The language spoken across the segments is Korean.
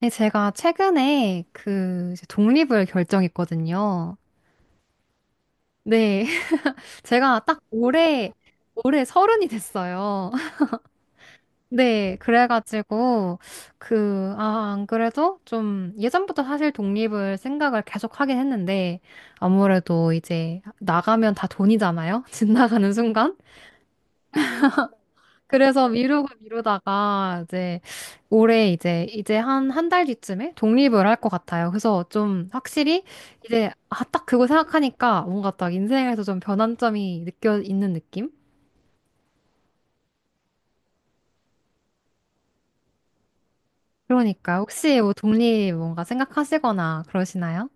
네, 제가 최근에 그 이제 독립을 결정했거든요. 네, 제가 딱 올해 서른이 됐어요. 네, 그래가지고 그, 아, 안 그래도 좀 예전부터 사실 독립을 생각을 계속 하긴 했는데 아무래도 이제 나가면 다 돈이잖아요. 집 나가는 순간. 그래서 미루고 미루다가 이제 올해 이제 한 한 달 뒤쯤에 독립을 할 것 같아요. 그래서 좀 확실히 이제 아, 딱 그거 생각하니까 뭔가 딱 인생에서 좀 변환점이 느껴 있는 느낌? 그러니까 혹시 뭐 독립 뭔가 생각하시거나 그러시나요?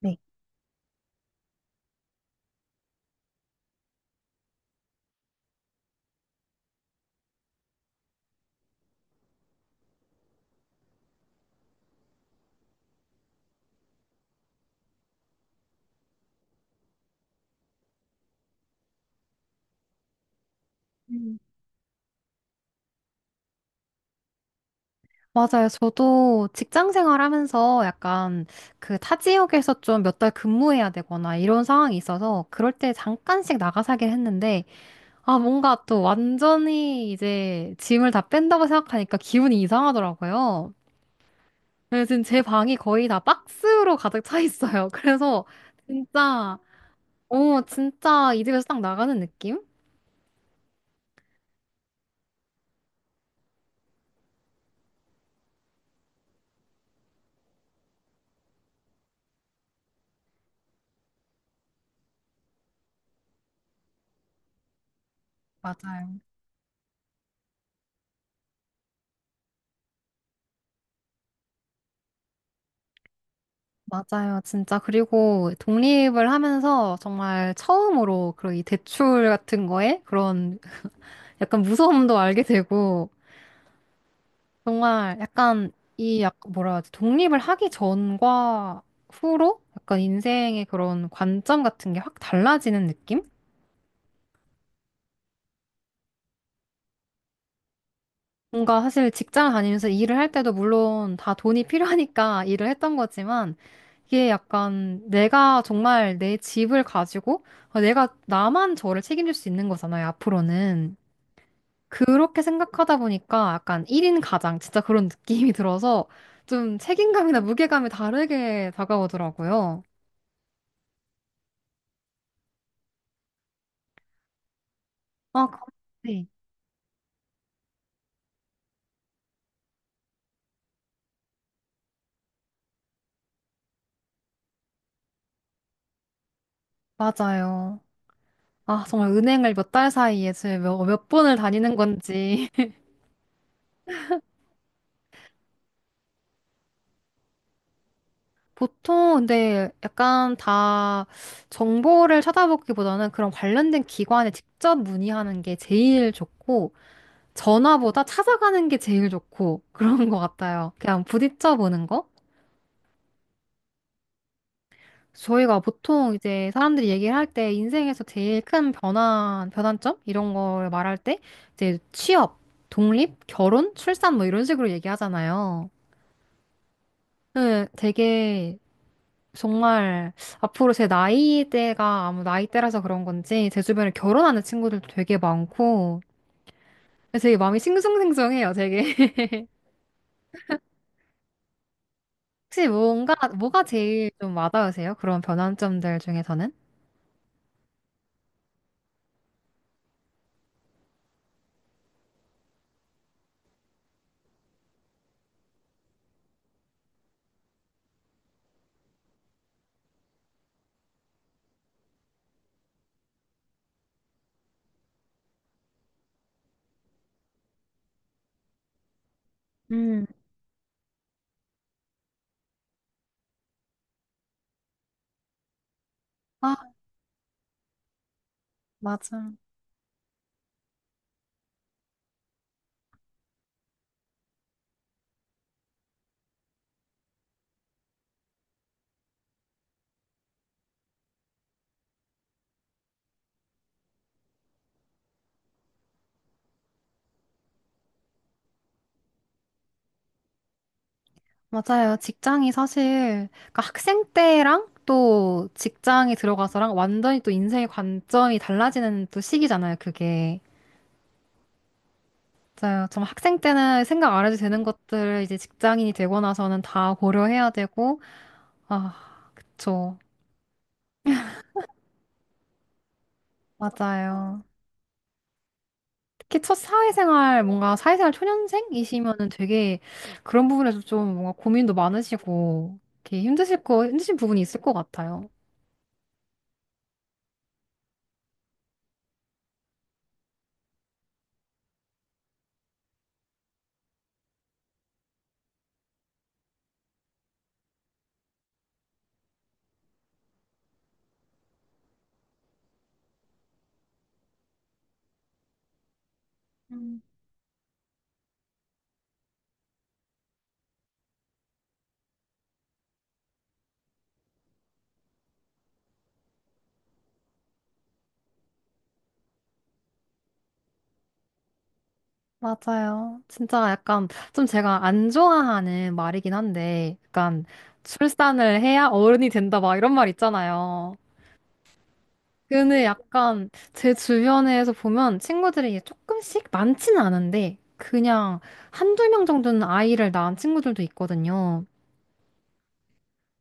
네. 음. 맞아요. 저도 직장 생활하면서 약간 그 타 지역에서 좀 몇 달 근무해야 되거나 이런 상황이 있어서 그럴 때 잠깐씩 나가 살긴 했는데 아, 뭔가 또 완전히 이제 짐을 다 뺀다고 생각하니까 기분이 이상하더라고요. 네, 지금 제 방이 거의 다 박스로 가득 차 있어요. 그래서 진짜, 어, 진짜 이 집에서 딱 나가는 느낌? 맞아요. 맞아요, 진짜. 그리고 독립을 하면서 정말 처음으로 그런 이 대출 같은 거에 그런 약간 무서움도 알게 되고, 정말 약간 이 약 뭐라 하지 독립을 하기 전과 후로 약간 인생의 그런 관점 같은 게 확 달라지는 느낌? 뭔가 사실 직장 다니면서 일을 할 때도 물론 다 돈이 필요하니까 일을 했던 거지만 이게 약간 내가 정말 내 집을 가지고 어, 내가 나만 저를 책임질 수 있는 거잖아요, 앞으로는. 그렇게 생각하다 보니까 약간 1인 가장 진짜 그런 느낌이 들어서 좀 책임감이나 무게감이 다르게 다가오더라고요. 아, 네. 맞아요. 아, 정말 은행을 몇 달 사이에 제가 몇 번을 다니는 건지. 보통 근데 약간 다 정보를 찾아보기보다는 그런 관련된 기관에 직접 문의하는 게 제일 좋고, 전화보다 찾아가는 게 제일 좋고, 그런 것 같아요. 그냥 부딪혀 보는 거? 저희가 보통 이제 사람들이 얘기를 할 때 인생에서 제일 큰 변화, 변환점? 이런 걸 말할 때 이제 취업, 독립, 결혼, 출산 뭐 이런 식으로 얘기하잖아요. 네, 되게 정말 앞으로 제 나이대가 아무 나이대라서 그런 건지 제 주변에 결혼하는 친구들도 되게 많고 되게 마음이 싱숭생숭해요, 되게. 혹시 뭔가, 뭐가 제일 좀 와닿으세요? 그런 변환점들 중에서는? 음, 아, 맞아. 맞아요. 직장이 사실, 그러니까 학생 때랑 또 직장에 들어가서랑 완전히 또 인생의 관점이 달라지는 또 시기잖아요, 그게. 맞아요. 정말 학생 때는 생각 안 해도 되는 것들을 이제 직장인이 되고 나서는 다 고려해야 되고, 아, 그쵸. 맞아요. 특히 첫 사회생활, 뭔가 사회생활 초년생이시면은 되게 그런 부분에서 좀 뭔가 고민도 많으시고, 이렇게 힘드신 부분이 있을 것 같아요. 맞아요. 진짜 약간 좀 제가 안 좋아하는 말이긴 한데, 약간 출산을 해야 어른이 된다 막 이런 말 있잖아요. 근데 약간 제 주변에서 보면 친구들이 이게 조금씩 많지는 않은데, 그냥 한두 명 정도는 아이를 낳은 친구들도 있거든요.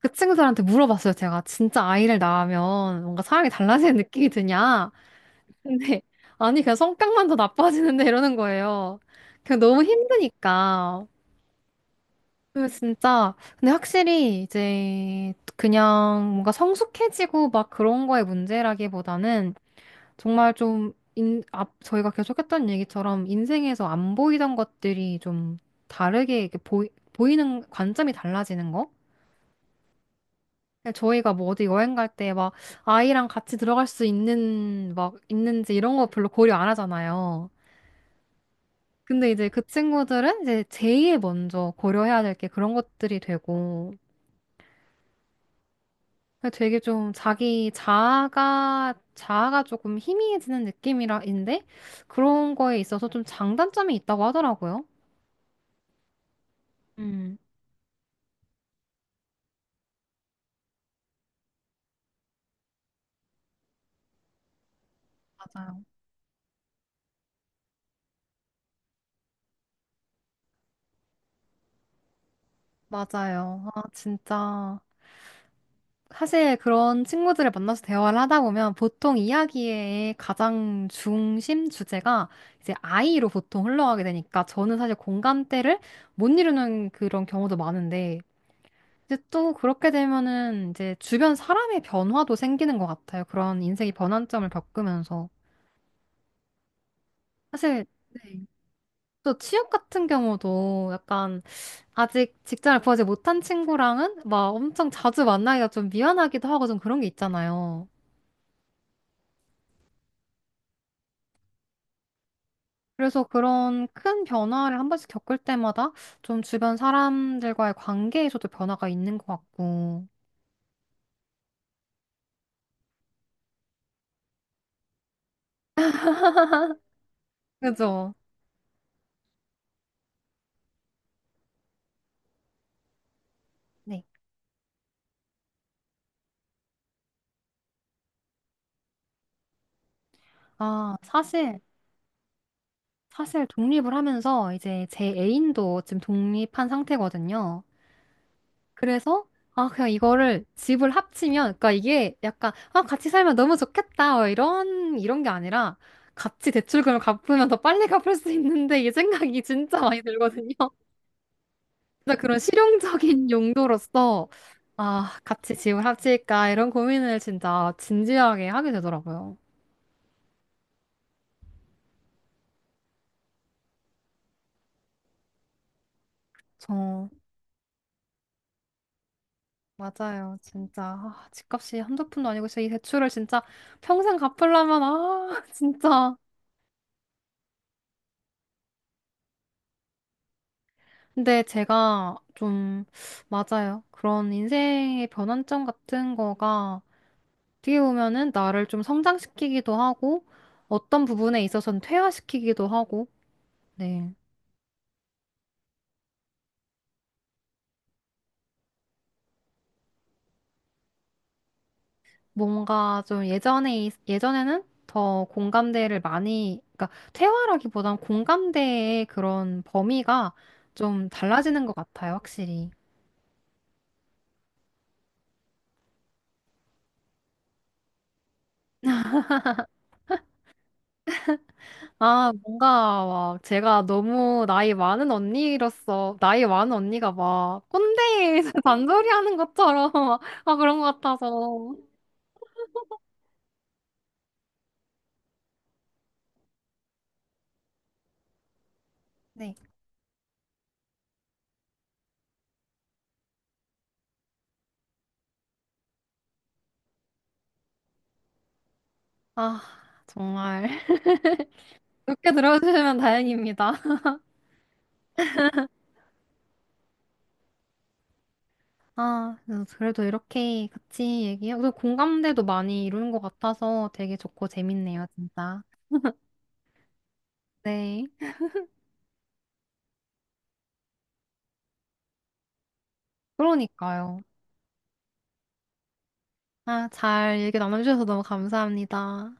그 친구들한테 물어봤어요. 제가 진짜 아이를 낳으면 뭔가 사람이 달라지는 느낌이 드냐? 근데 아니 그냥 성격만 더 나빠지는데 이러는 거예요. 그냥 너무 힘드니까. 그 진짜 근데 확실히 이제 그냥 뭔가 성숙해지고 막 그런 거의 문제라기보다는 정말 좀 저희가 계속했던 얘기처럼 인생에서 안 보이던 것들이 좀 다르게 이렇게 보이는 관점이 달라지는 거? 저희가 뭐 어디 여행 갈 때 막 아이랑 같이 들어갈 수 있는 막 있는지 이런 거 별로 고려 안 하잖아요. 근데 이제 그 친구들은 이제 제일 먼저 고려해야 될 게 그런 것들이 되고 근데 되게 좀 자기 자아가 조금 희미해지는 느낌이라인데, 그런 거에 있어서 좀 장단점이 있다고 하더라고요. 음, 맞아요. 맞아요. 아, 진짜. 사실 그런 친구들을 만나서 대화를 하다 보면 보통 이야기의 가장 중심 주제가 이제 아이로 보통 흘러가게 되니까 저는 사실 공감대를 못 이루는 그런 경우도 많은데 이제 또 그렇게 되면은 이제 주변 사람의 변화도 생기는 것 같아요. 그런 인생의 변환점을 겪으면서. 사실, 네. 또 취업 같은 경우도 약간 아직 직장을 구하지 못한 친구랑은 막 엄청 자주 만나기가 좀 미안하기도 하고 좀 그런 게 있잖아요. 그래서 그런 큰 변화를 한 번씩 겪을 때마다 좀 주변 사람들과의 관계에서도 변화가 있는 것 같고. 그죠? 네. 아, 사실 독립을 하면서 이제 제 애인도 지금 독립한 상태거든요. 그래서 아 그냥 이거를 집을 합치면 그러니까 이게 약간 아 같이 살면 너무 좋겠다 어, 이런 게 아니라 같이 대출금을 갚으면 더 빨리 갚을 수 있는데 이 생각이 진짜 많이 들거든요. 진짜 그런 실용적인 용도로서 아 같이 집을 합칠까 이런 고민을 진짜 진지하게 하게 되더라고요. 저 맞아요. 진짜 아, 집값이 한두 푼도 아니고 진짜 이 대출을 진짜 평생 갚으려면 아 진짜. 근데 제가 좀 맞아요. 그런 인생의 변환점 같은 거가 어떻게 보면은 나를 좀 성장시키기도 하고 어떤 부분에 있어서는 퇴화시키기도 하고 네. 뭔가 좀 예전에 예전에는 더 공감대를 많이 그러니까 퇴화라기보단 공감대의 그런 범위가 좀 달라지는 것 같아요, 확실히. 아, 뭔가, 막, 제가 너무 나이 많은 언니로서, 나이 많은 언니가 막, 꼰대에서 잔소리 하는 것처럼, 막, 아, 그런 것 같아서. 네. 아, 정말. 그렇게 들어주시면 다행입니다. 아, 그래도 이렇게 같이 얘기하고, 공감대도 많이 이루는 것 같아서 되게 좋고 재밌네요, 진짜. 네. 그러니까요. 아, 잘 얘기 나눠주셔서 너무 감사합니다.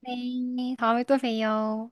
네. 다음에 또 봬요.